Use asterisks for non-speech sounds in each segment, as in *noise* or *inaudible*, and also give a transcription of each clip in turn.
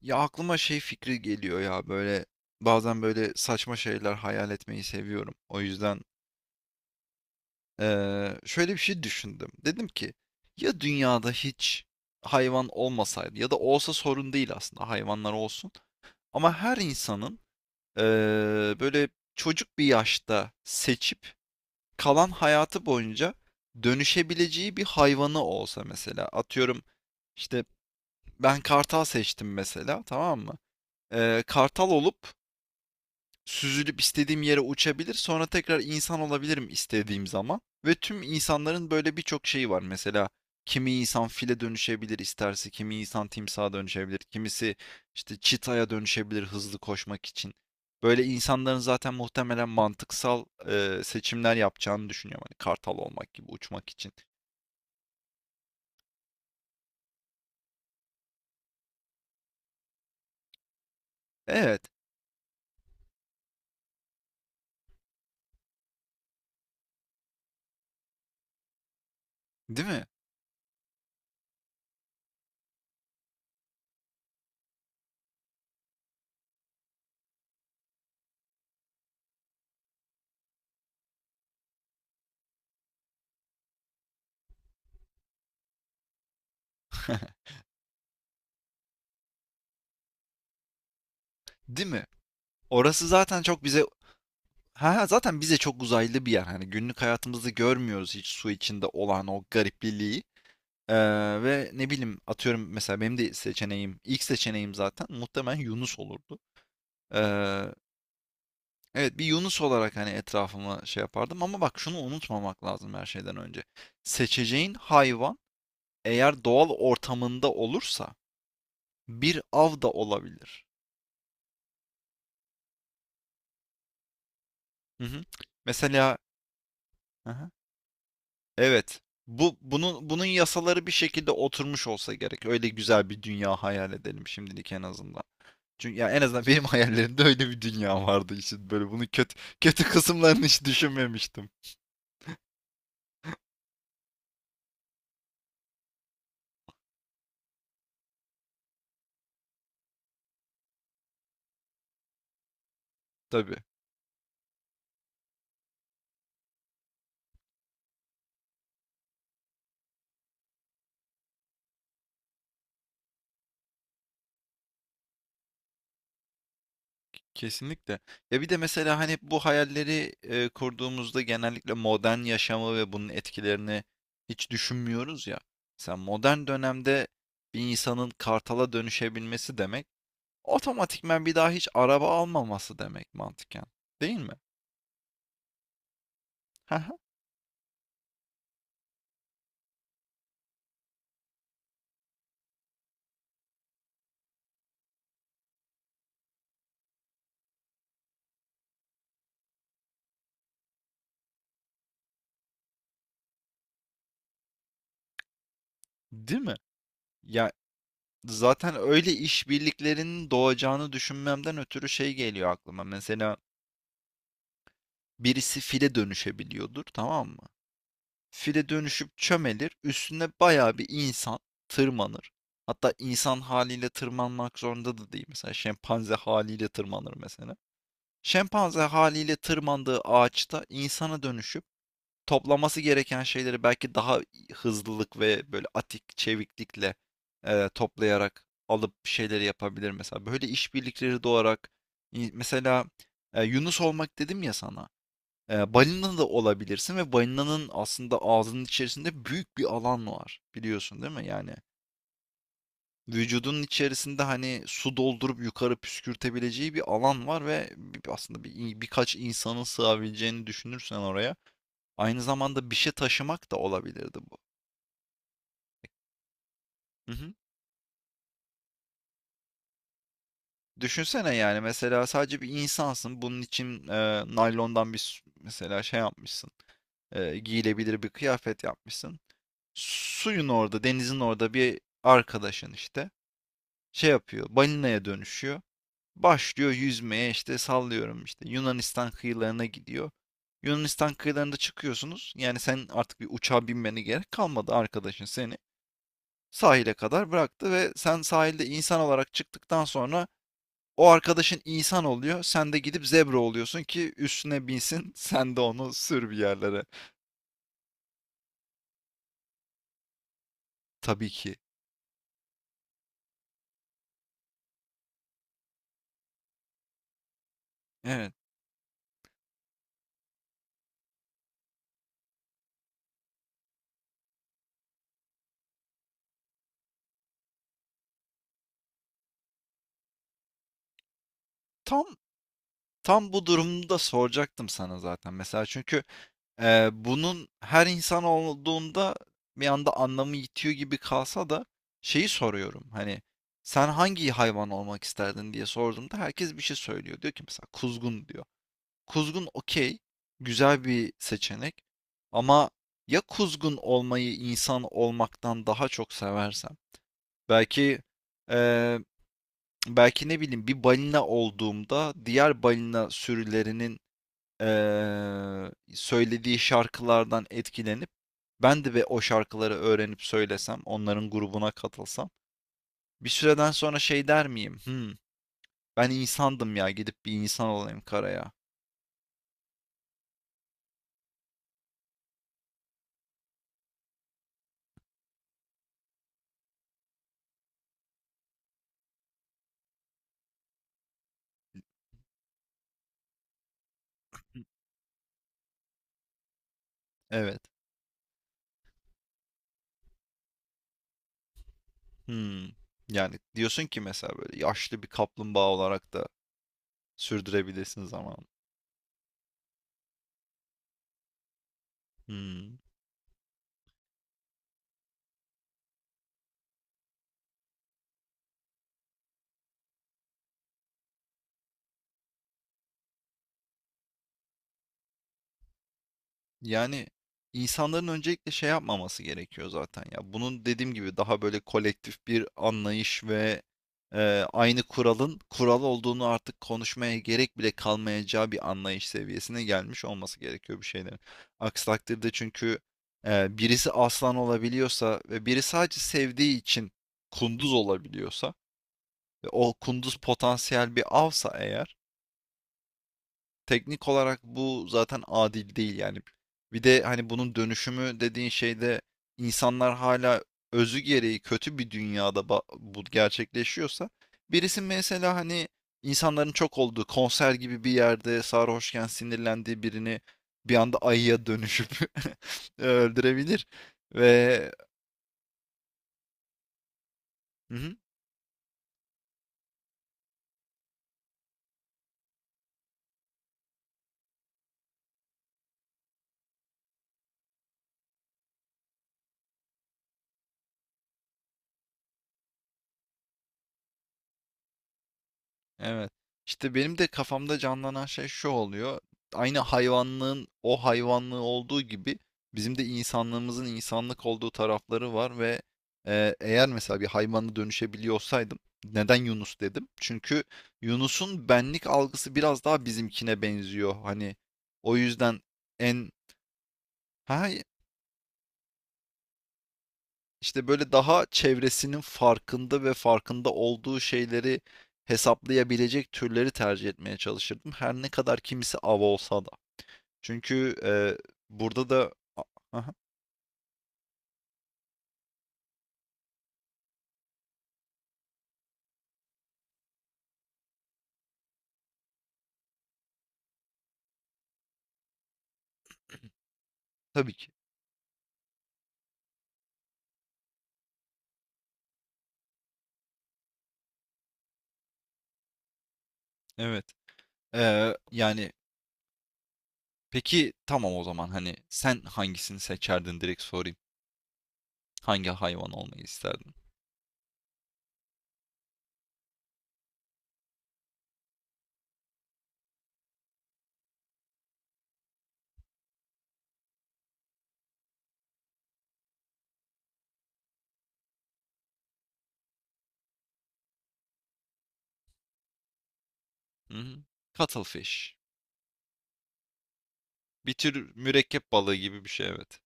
Ya aklıma şey fikri geliyor ya böyle bazen böyle saçma şeyler hayal etmeyi seviyorum. O yüzden şöyle bir şey düşündüm. Dedim ki ya dünyada hiç hayvan olmasaydı ya da olsa sorun değil, aslında hayvanlar olsun. Ama her insanın eee, böyle çocuk bir yaşta seçip kalan hayatı boyunca dönüşebileceği bir hayvanı olsa mesela. Atıyorum işte ben kartal seçtim mesela, tamam mı? Kartal olup süzülüp istediğim yere uçabilir. Sonra tekrar insan olabilirim istediğim zaman. Ve tüm insanların böyle birçok şeyi var. Mesela kimi insan file dönüşebilir isterse, kimi insan timsaha dönüşebilir, kimisi işte çitaya dönüşebilir hızlı koşmak için. Böyle insanların zaten muhtemelen mantıksal seçimler yapacağını düşünüyorum. Hani kartal olmak gibi uçmak için. Evet, değil mi? Değil mi? Orası zaten çok bize. Ha, ha, zaten bize çok uzaylı bir yer. Hani günlük hayatımızda görmüyoruz hiç su içinde olan o garipliliği. Ee, Ve ne bileyim, atıyorum mesela benim de seçeneğim, ilk seçeneğim zaten muhtemelen Yunus olurdu. Ee, evet, bir Yunus olarak hani etrafıma şey yapardım, ama bak şunu unutmamak lazım her şeyden önce. Seçeceğin hayvan eğer doğal ortamında olursa bir av da olabilir. Hı hı. Mesela. Evet. Bu bunun bunun yasaları bir şekilde oturmuş olsa gerek. Öyle güzel bir dünya hayal edelim şimdilik en azından. Çünkü ya en azından benim *laughs* hayallerimde öyle bir dünya vardı işte, böyle bunu kötü kötü kısımlarını hiç düşünmemiştim. Tabii. Kesinlikle. Ya bir de mesela hani bu hayalleri kurduğumuzda genellikle modern yaşamı ve bunun etkilerini hiç düşünmüyoruz ya. Sen modern dönemde bir insanın kartala dönüşebilmesi demek otomatikman bir daha hiç araba almaması demek mantıken. Değil mi? *laughs* Hı. Değil mi? Ya zaten öyle işbirliklerinin doğacağını düşünmemden ötürü şey geliyor aklıma. Mesela birisi file dönüşebiliyordur, tamam mı? File dönüşüp çömelir, üstüne bayağı bir insan tırmanır. Hatta insan haliyle tırmanmak zorunda da değil. Mesela şempanze haliyle tırmanır mesela. Şempanze haliyle tırmandığı ağaçta insana dönüşüp toplaması gereken şeyleri belki daha hızlılık ve böyle atik, çeviklikle toplayarak alıp bir şeyleri yapabilir mesela. Böyle işbirlikleri doğarak mesela, Yunus olmak dedim ya sana. E, balina da olabilirsin ve balinanın aslında ağzının içerisinde büyük bir alan var. Biliyorsun değil mi? Yani vücudunun içerisinde hani su doldurup yukarı püskürtebileceği bir alan var ve aslında birkaç insanın sığabileceğini düşünürsen oraya. Aynı zamanda bir şey taşımak da olabilirdi bu. Hı hı. Düşünsene, yani mesela sadece bir insansın. Bunun için naylondan mesela şey yapmışsın. E, giyilebilir bir kıyafet yapmışsın. Suyun orada, denizin orada bir arkadaşın işte şey yapıyor. Balinaya dönüşüyor. Başlıyor yüzmeye, işte sallıyorum işte Yunanistan kıyılarına gidiyor. Yunanistan kıyılarında çıkıyorsunuz. Yani sen artık bir uçağa binmene gerek kalmadı, arkadaşın seni sahile kadar bıraktı ve sen sahilde insan olarak çıktıktan sonra o arkadaşın insan oluyor. Sen de gidip zebra oluyorsun ki üstüne binsin. *laughs* Sen de onu sür bir yerlere. Tabii ki. Evet. Tam tam bu durumda da soracaktım sana zaten. Mesela çünkü bunun her insan olduğunda bir anda anlamı yitiyor gibi kalsa da şeyi soruyorum. Hani sen hangi hayvan olmak isterdin diye sorduğumda herkes bir şey söylüyor. Diyor ki mesela kuzgun diyor. Kuzgun okey, güzel bir seçenek. Ama ya kuzgun olmayı insan olmaktan daha çok seversem? Belki eee, belki ne bileyim bir balina olduğumda diğer balina sürülerinin söylediği şarkılardan etkilenip ben de ve o şarkıları öğrenip söylesem, onların grubuna katılsam bir süreden sonra şey der miyim? Hmm, ben insandım ya, gidip bir insan olayım karaya. Evet. Hmm. Yani diyorsun ki mesela böyle yaşlı bir kaplumbağa olarak da sürdürebilirsin zamanı. Hmm. Yani insanların öncelikle şey yapmaması gerekiyor zaten ya. Bunun dediğim gibi daha böyle kolektif bir anlayış ve e, aynı kuralın kural olduğunu artık konuşmaya gerek bile kalmayacağı bir anlayış seviyesine gelmiş olması gerekiyor bir şeylerin. Aksi takdirde çünkü birisi aslan olabiliyorsa ve biri sadece sevdiği için kunduz olabiliyorsa ve o kunduz potansiyel bir avsa eğer, teknik olarak bu zaten adil değil yani. Bir de hani bunun dönüşümü dediğin şeyde insanlar hala özü gereği kötü bir dünyada bu gerçekleşiyorsa birisi mesela hani insanların çok olduğu konser gibi bir yerde sarhoşken sinirlendiği birini bir anda ayıya dönüşüp *laughs* öldürebilir ve. Hı hı. Evet. İşte benim de kafamda canlanan şey şu oluyor. Aynı hayvanlığın o hayvanlığı olduğu gibi bizim de insanlığımızın insanlık olduğu tarafları var ve eğer mesela bir hayvana dönüşebiliyor olsaydım neden Yunus dedim? Çünkü Yunus'un benlik algısı biraz daha bizimkine benziyor. Hani o yüzden en ha. İşte böyle daha çevresinin farkında ve farkında olduğu şeyleri hesaplayabilecek türleri tercih etmeye çalışırdım. Her ne kadar kimisi av olsa da. Çünkü burada da aha, tabii ki. Evet. Yani peki tamam, o zaman hani sen hangisini seçerdin direkt sorayım. Hangi hayvan olmayı isterdin? Hı hı. Cuttlefish. Bir tür mürekkep balığı gibi bir şey evet.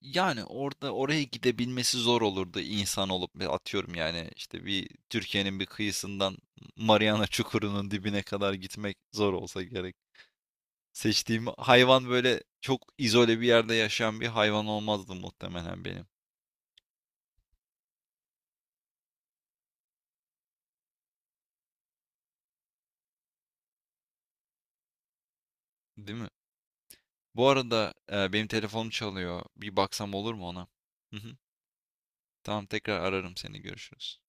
Yani orada oraya gidebilmesi zor olurdu insan olup ve atıyorum yani işte bir Türkiye'nin bir kıyısından Mariana Çukuru'nun dibine kadar gitmek zor olsa gerek. Seçtiğim hayvan böyle çok izole bir yerde yaşayan bir hayvan olmazdı muhtemelen benim. Değil mi? Bu arada benim telefonum çalıyor. Bir baksam olur mu ona? Hı hı. Tamam, tekrar ararım seni. Görüşürüz.